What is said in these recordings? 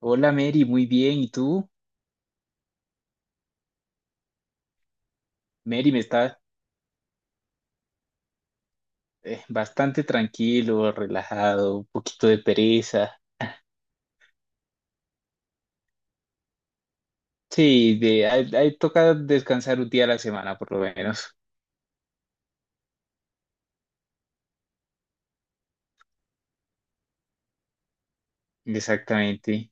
Hola Mary, muy bien. ¿Y tú? Mary, me está bastante tranquilo, relajado, un poquito de pereza. Sí, de, ahí toca descansar un día a la semana por lo menos. Exactamente.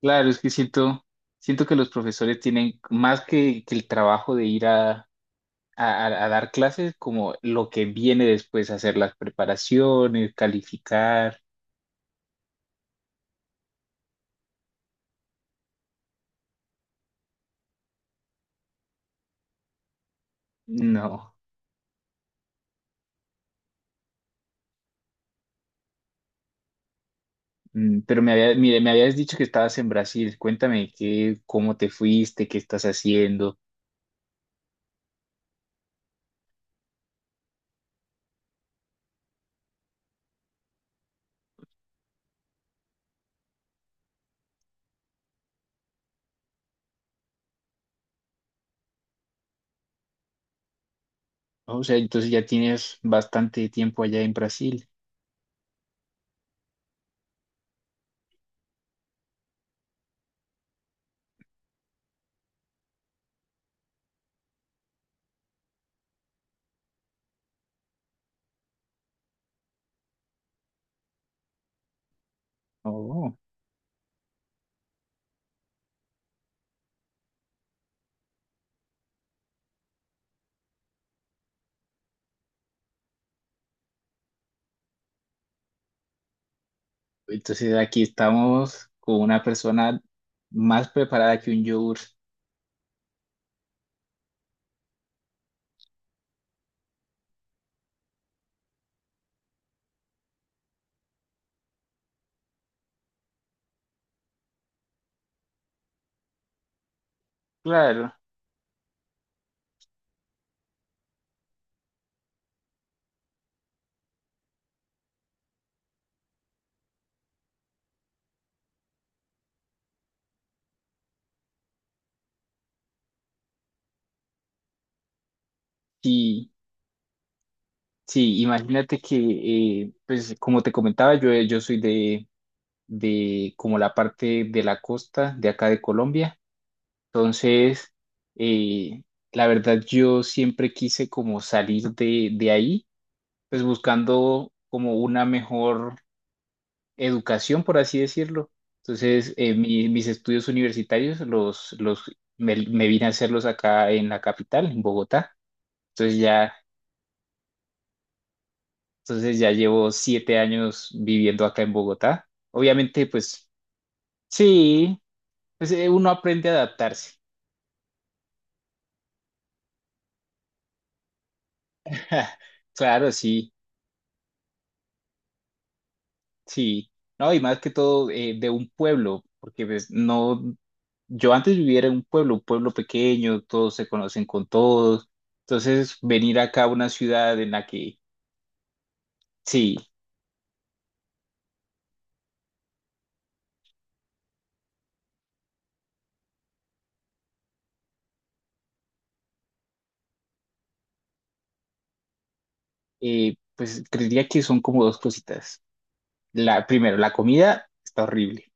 Claro, es que siento que los profesores tienen más que el trabajo de ir a dar clases, como lo que viene después, hacer las preparaciones, calificar. No. Pero me mire, me habías dicho que estabas en Brasil. Cuéntame cómo te fuiste, qué estás haciendo. O sea, entonces ya tienes bastante tiempo allá en Brasil. Oh, entonces aquí estamos con una persona más preparada que un yogur. Claro, sí, sí, imagínate que, pues como te comentaba, yo soy de como la parte de la costa de acá de Colombia. Entonces, eh, la verdad yo siempre quise como salir de ahí, pues buscando como una mejor educación, por así decirlo. Entonces, mis estudios universitarios me vine a hacerlos acá en la capital, en Bogotá. Entonces ya, entonces ya llevo 7 años viviendo acá en Bogotá. Obviamente, pues sí, pues uno aprende a adaptarse. Claro, sí. Sí, no, y más que todo de un pueblo, porque pues, no, yo antes vivía en un pueblo pequeño, todos se conocen con todos, entonces venir acá a una ciudad en la que, sí, pues creería que son como dos cositas. Primero, la comida está horrible,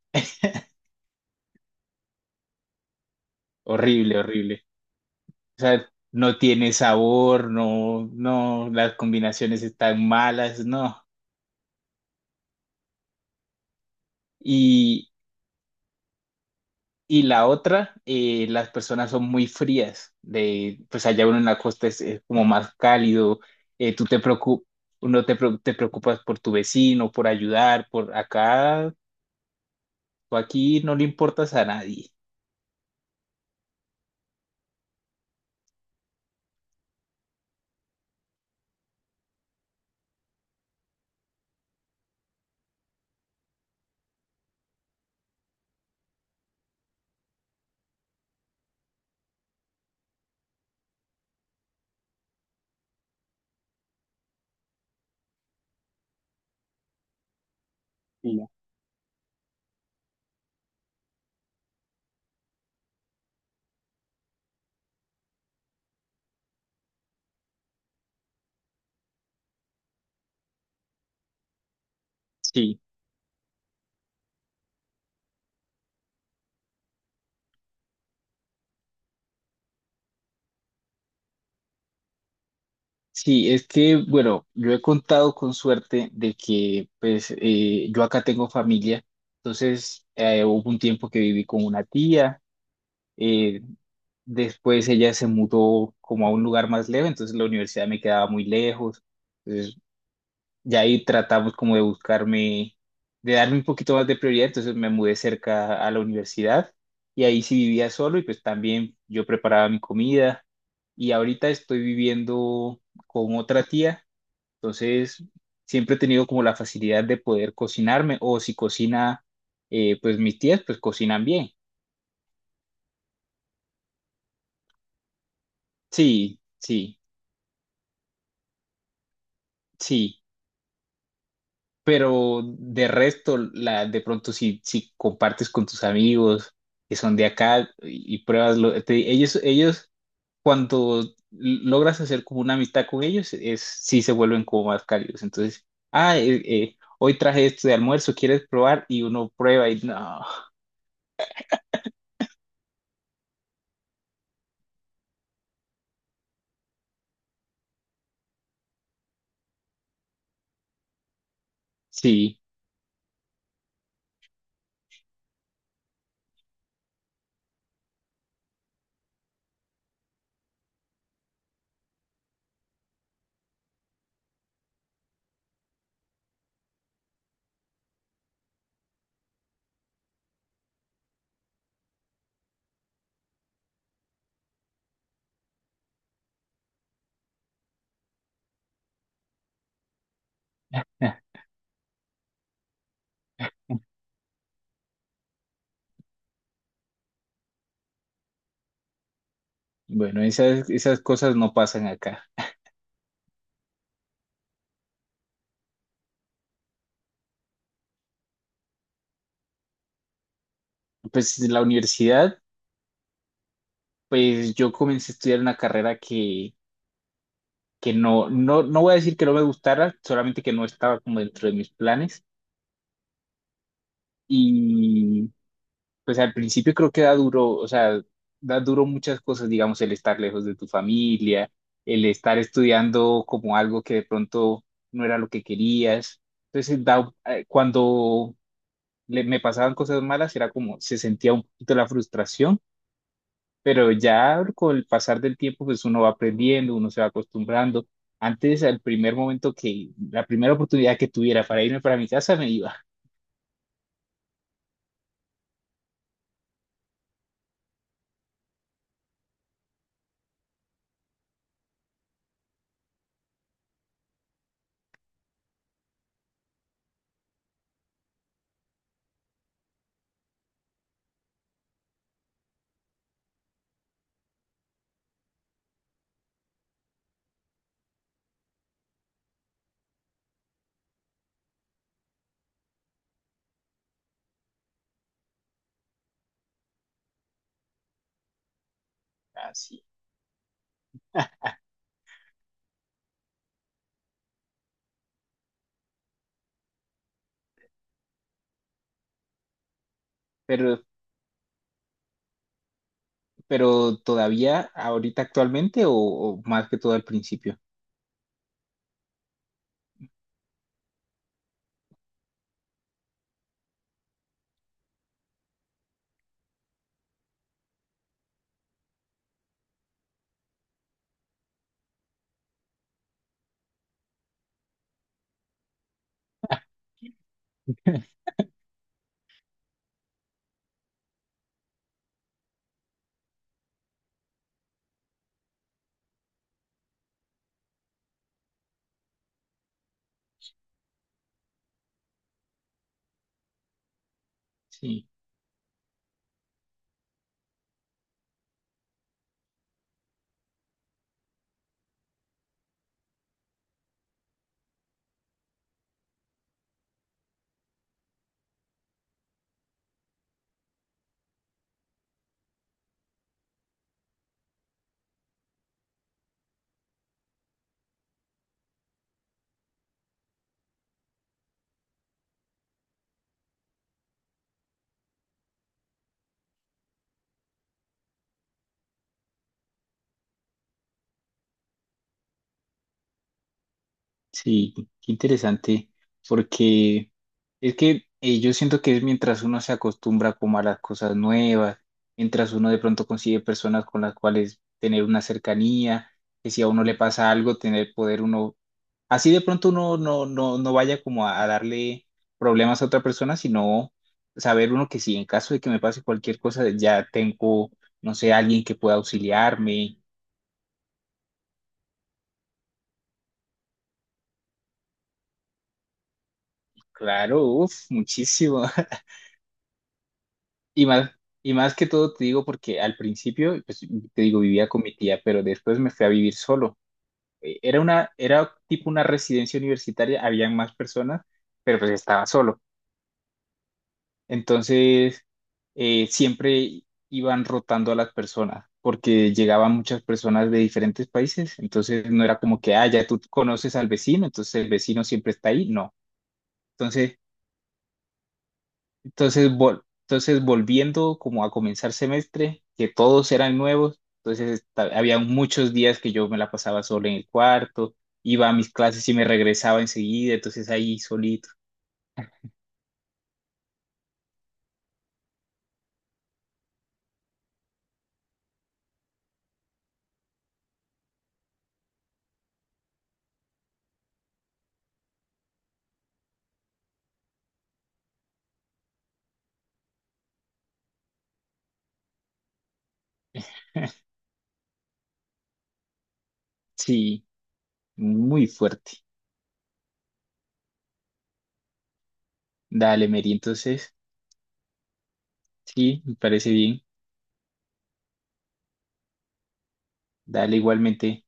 horrible, horrible. O sea, no tiene sabor, no, no, las combinaciones están malas, no. Y la otra, las personas son muy frías. De, pues allá uno en la costa es como más cálido. Tú te preocup, uno te, preo- te preocupas por tu vecino, por ayudar, por acá, tú aquí no le importas a nadie. Sí. Sí, sí, es que, bueno, yo he contado con suerte de que, pues, yo acá tengo familia, entonces hubo un tiempo que viví con una tía, eh, después ella se mudó como a un lugar más lejos, entonces la universidad me quedaba muy lejos. Entonces ya ahí tratamos como de buscarme, de darme un poquito más de prioridad, entonces me mudé cerca a la universidad y ahí sí vivía solo y pues también yo preparaba mi comida y ahorita estoy viviendo con otra tía, entonces siempre he tenido como la facilidad de poder cocinarme o si cocina, pues mis tías pues cocinan bien. Sí, sí, sí. Pero de resto, de pronto si compartes con tus amigos que son de acá y pruebas, ellos, ellos cuando logras hacer como una amistad con ellos, es, sí se vuelven como más cálidos. Entonces, hoy traje esto de almuerzo, ¿quieres probar? Y uno prueba y no, sí. Bueno, esas, esas cosas no pasan acá. Pues en la universidad, pues yo comencé a estudiar una carrera que no, no, no voy a decir que no me gustara, solamente que no estaba como dentro de mis planes. Y pues al principio creo que da duro, o sea, da duro muchas cosas, digamos, el estar lejos de tu familia, el estar estudiando como algo que de pronto no era lo que querías. Entonces, cuando me pasaban cosas malas, era como, se sentía un poquito la frustración. Pero ya con el pasar del tiempo, pues uno va aprendiendo, uno se va acostumbrando. Antes, al primer la primera oportunidad que tuviera para irme para mi casa, me iba. Así. Pero, pero todavía, ahorita actualmente, o más que todo al principio. Sí, sí, qué interesante. Porque es que yo siento que es mientras uno se acostumbra como a las cosas nuevas, mientras uno de pronto consigue personas con las cuales tener una cercanía, que si a uno le pasa algo, tener poder uno así de pronto uno no, no, no vaya como a darle problemas a otra persona, sino saber uno que si en caso de que me pase cualquier cosa, ya tengo, no sé, alguien que pueda auxiliarme. Claro, uff, muchísimo. Y más, y más que todo te digo porque al principio, pues te digo, vivía con mi tía, pero después me fui a vivir solo. Era una, era tipo una residencia universitaria, habían más personas, pero pues estaba solo. Entonces, siempre iban rotando a las personas porque llegaban muchas personas de diferentes países. Entonces, no era como que, ah, ya tú conoces al vecino, entonces el vecino siempre está ahí. No. Entonces, entonces volviendo como a comenzar semestre, que todos eran nuevos, entonces había muchos días que yo me la pasaba solo en el cuarto, iba a mis clases y me regresaba enseguida, entonces ahí solito. Sí, muy fuerte. Dale, Mary, entonces, sí, me parece bien. Dale igualmente.